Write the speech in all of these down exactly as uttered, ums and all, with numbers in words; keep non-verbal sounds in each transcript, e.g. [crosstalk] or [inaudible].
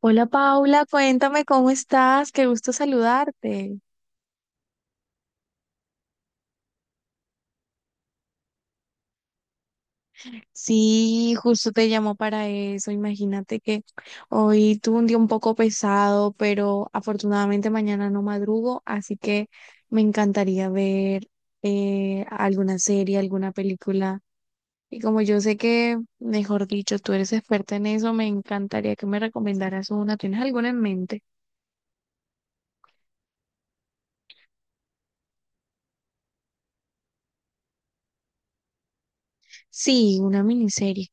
Hola Paula, cuéntame cómo estás, qué gusto saludarte. Sí, justo te llamo para eso. Imagínate que hoy tuve un día un poco pesado, pero afortunadamente mañana no madrugo, así que me encantaría ver eh, alguna serie, alguna película. Y como yo sé que, mejor dicho, tú eres experta en eso, me encantaría que me recomendaras una. ¿Tienes alguna en mente? Sí, una miniserie.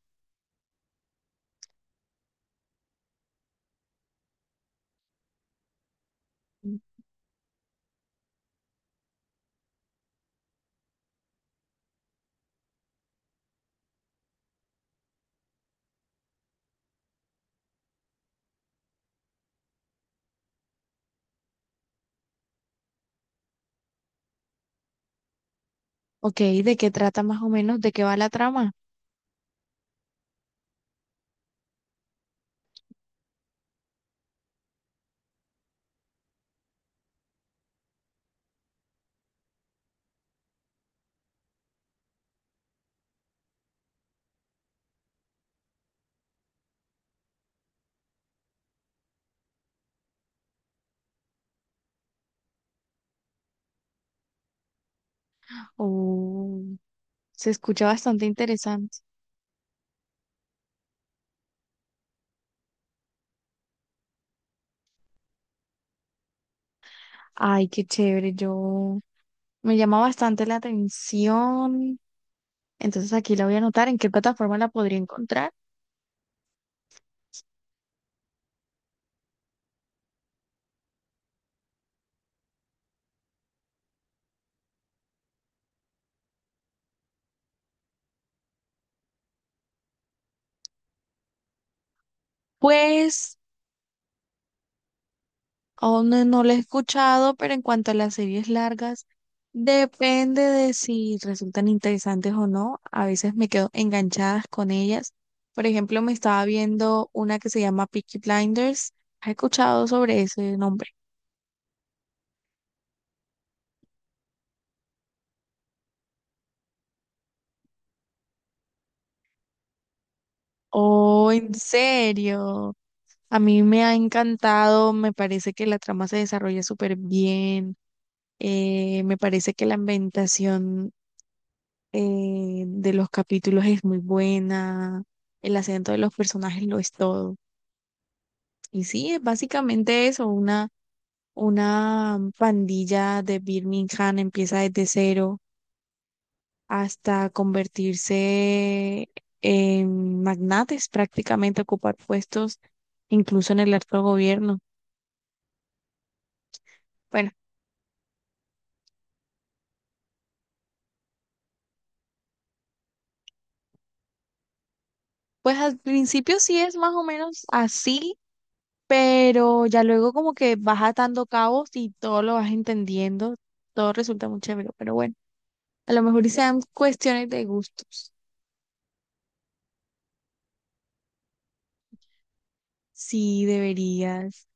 Ok, ¿de qué trata más o menos? ¿De qué va la trama? Oh, se escucha bastante interesante. Ay, qué chévere. Yo me llama bastante la atención. Entonces aquí la voy a anotar. ¿En qué plataforma la podría encontrar? Pues aún no no la he escuchado, pero en cuanto a las series largas, depende de si resultan interesantes o no. A veces me quedo enganchadas con ellas. Por ejemplo, me estaba viendo una que se llama Peaky Blinders. ¿Has escuchado sobre ese nombre? Oh, ¿en serio? A mí me ha encantado, me parece que la trama se desarrolla súper bien, eh, me parece que la ambientación eh, de los capítulos es muy buena, el acento de los personajes lo es todo. Y sí, es básicamente eso, una, una pandilla de Birmingham empieza desde cero hasta convertirse en magnates, prácticamente ocupar puestos incluso en el alto gobierno. Bueno, pues al principio sí es más o menos así, pero ya luego como que vas atando cabos y todo lo vas entendiendo, todo resulta muy chévere, pero bueno, a lo mejor y sean cuestiones de gustos. Sí, deberías.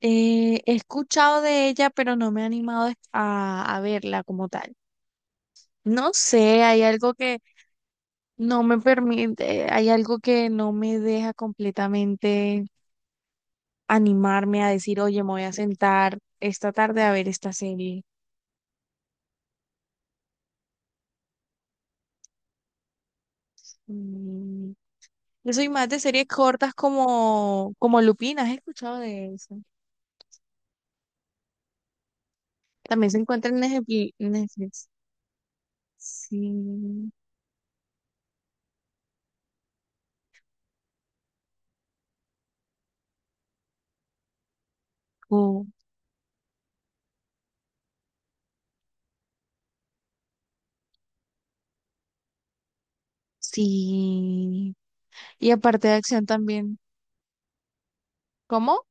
Eh, he escuchado de ella, pero no me he animado a, a verla como tal. No sé, hay algo que no me permite, hay algo que no me deja completamente animarme a decir, oye, me voy a sentar esta tarde a ver esta serie. Mm, Yo soy más de series cortas como, como Lupin, ¿has escuchado de eso? También se encuentra en Neje- Netflix. Sí. Oh, sí. Y aparte de acción también. ¿Cómo?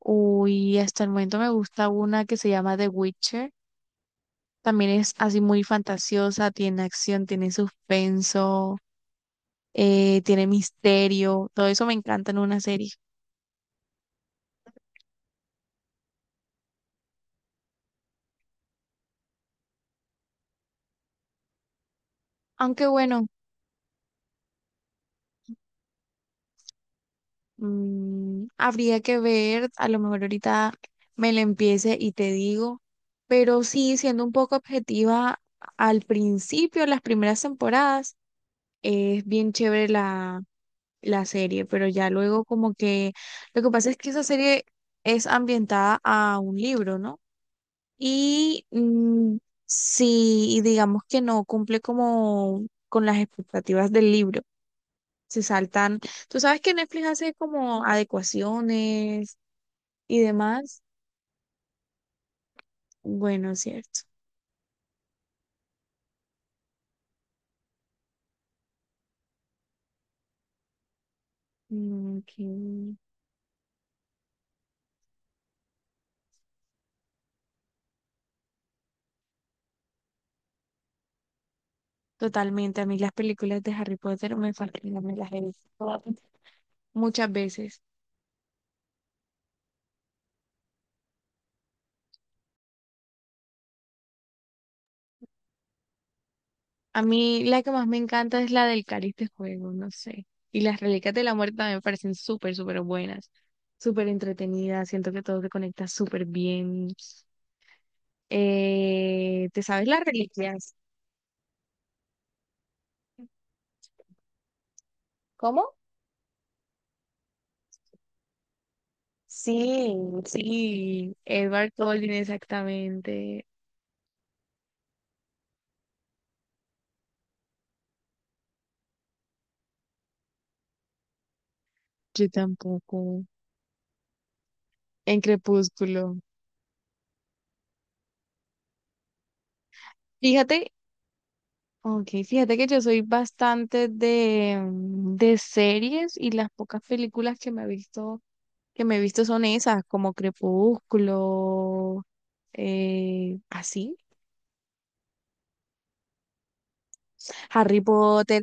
Uy, hasta el momento me gusta una que se llama The Witcher. También es así muy fantasiosa, tiene acción, tiene suspenso, eh, tiene misterio. Todo eso me encanta en una serie. Aunque bueno. Mm, habría que ver, a lo mejor ahorita me la empiece y te digo, pero sí, siendo un poco objetiva, al principio, las primeras temporadas, es bien chévere la, la serie, pero ya luego como que lo que pasa es que esa serie es ambientada a un libro, ¿no? Y mm, si digamos que no cumple como con las expectativas del libro, se saltan. Tú sabes que Netflix hace como adecuaciones y demás. Bueno, cierto. Mm, ok. Totalmente. A mí las películas de Harry Potter me fascinan, me las he visto todas, muchas veces. A mí la que más me encanta es la del Cáliz de Fuego, no sé. Y las Reliquias de la Muerte también me parecen súper, súper buenas, súper entretenidas. Siento que todo se conecta súper bien. Eh, ¿te sabes las reliquias? ¿Cómo? Sí, sí, Edward Cullen, exactamente. Yo tampoco. En Crepúsculo. Fíjate, ok, fíjate que yo soy bastante de, mm, de series y las pocas películas que me he visto, que me he visto son esas, como Crepúsculo, eh, así, Harry Potter.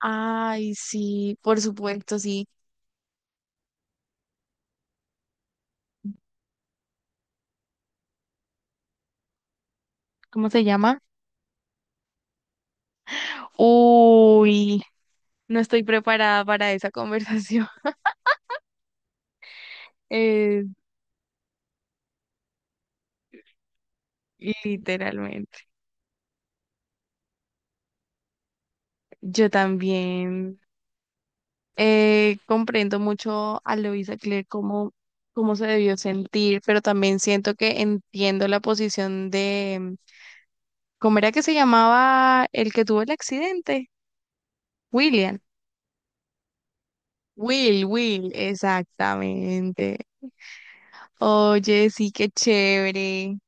Ay, sí, por supuesto, sí. ¿Cómo se llama? Uy, no estoy preparada para esa conversación. [laughs] Eh, Literalmente. Yo también. Eh, comprendo mucho a Luisa Claire cómo, cómo se debió sentir, pero también siento que entiendo la posición de, ¿cómo era que se llamaba el que tuvo el accidente? William. Will, Will, exactamente. Oye, sí, qué chévere.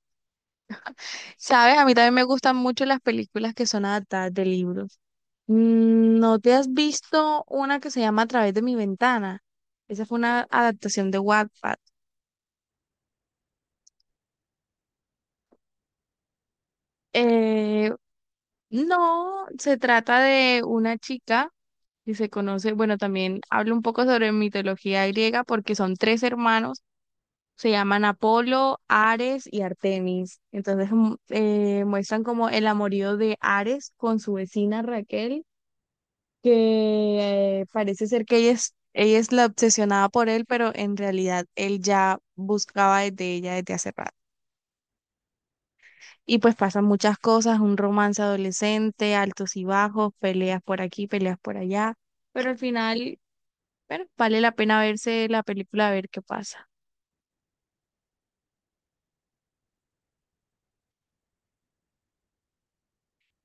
Sabes, a mí también me gustan mucho las películas que son adaptadas de libros. Mm, ¿no te has visto una que se llama A través de mi ventana? Esa fue una adaptación de Wattpad. Eh, No, se trata de una chica que se conoce, bueno, también hablo un poco sobre mitología griega porque son tres hermanos, se llaman Apolo, Ares y Artemis. Entonces mu- eh, muestran como el amorío de Ares con su vecina Raquel, que eh, parece ser que ella es, ella es la obsesionada por él, pero en realidad él ya buscaba desde ella desde hace rato. Y pues pasan muchas cosas, un romance adolescente, altos y bajos, peleas por aquí, peleas por allá, pero al final, bueno, vale la pena verse la película a ver qué pasa.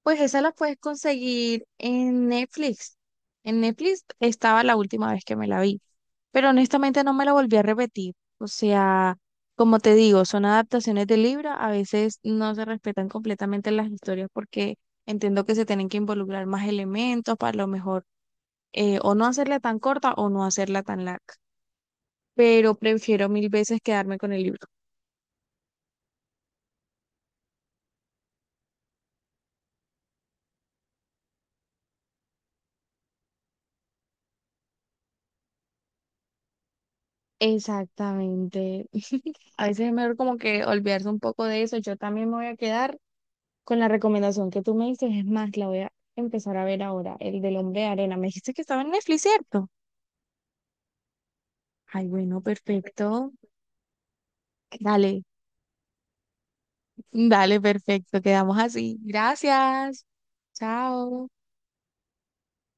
Pues esa la puedes conseguir en Netflix. En Netflix estaba la última vez que me la vi, pero honestamente no me la volví a repetir. O sea, como te digo, son adaptaciones de libro, a veces no se respetan completamente las historias porque entiendo que se tienen que involucrar más elementos para lo mejor eh, o no hacerla tan corta o no hacerla tan larga, pero prefiero mil veces quedarme con el libro. Exactamente. [laughs] A veces es mejor como que olvidarse un poco de eso. Yo también me voy a quedar con la recomendación que tú me dices. Es más, la voy a empezar a ver ahora, el del hombre de arena. Me dijiste que estaba en Netflix, ¿cierto? Ay, bueno, perfecto. Dale, dale, perfecto. Quedamos así. Gracias. Chao.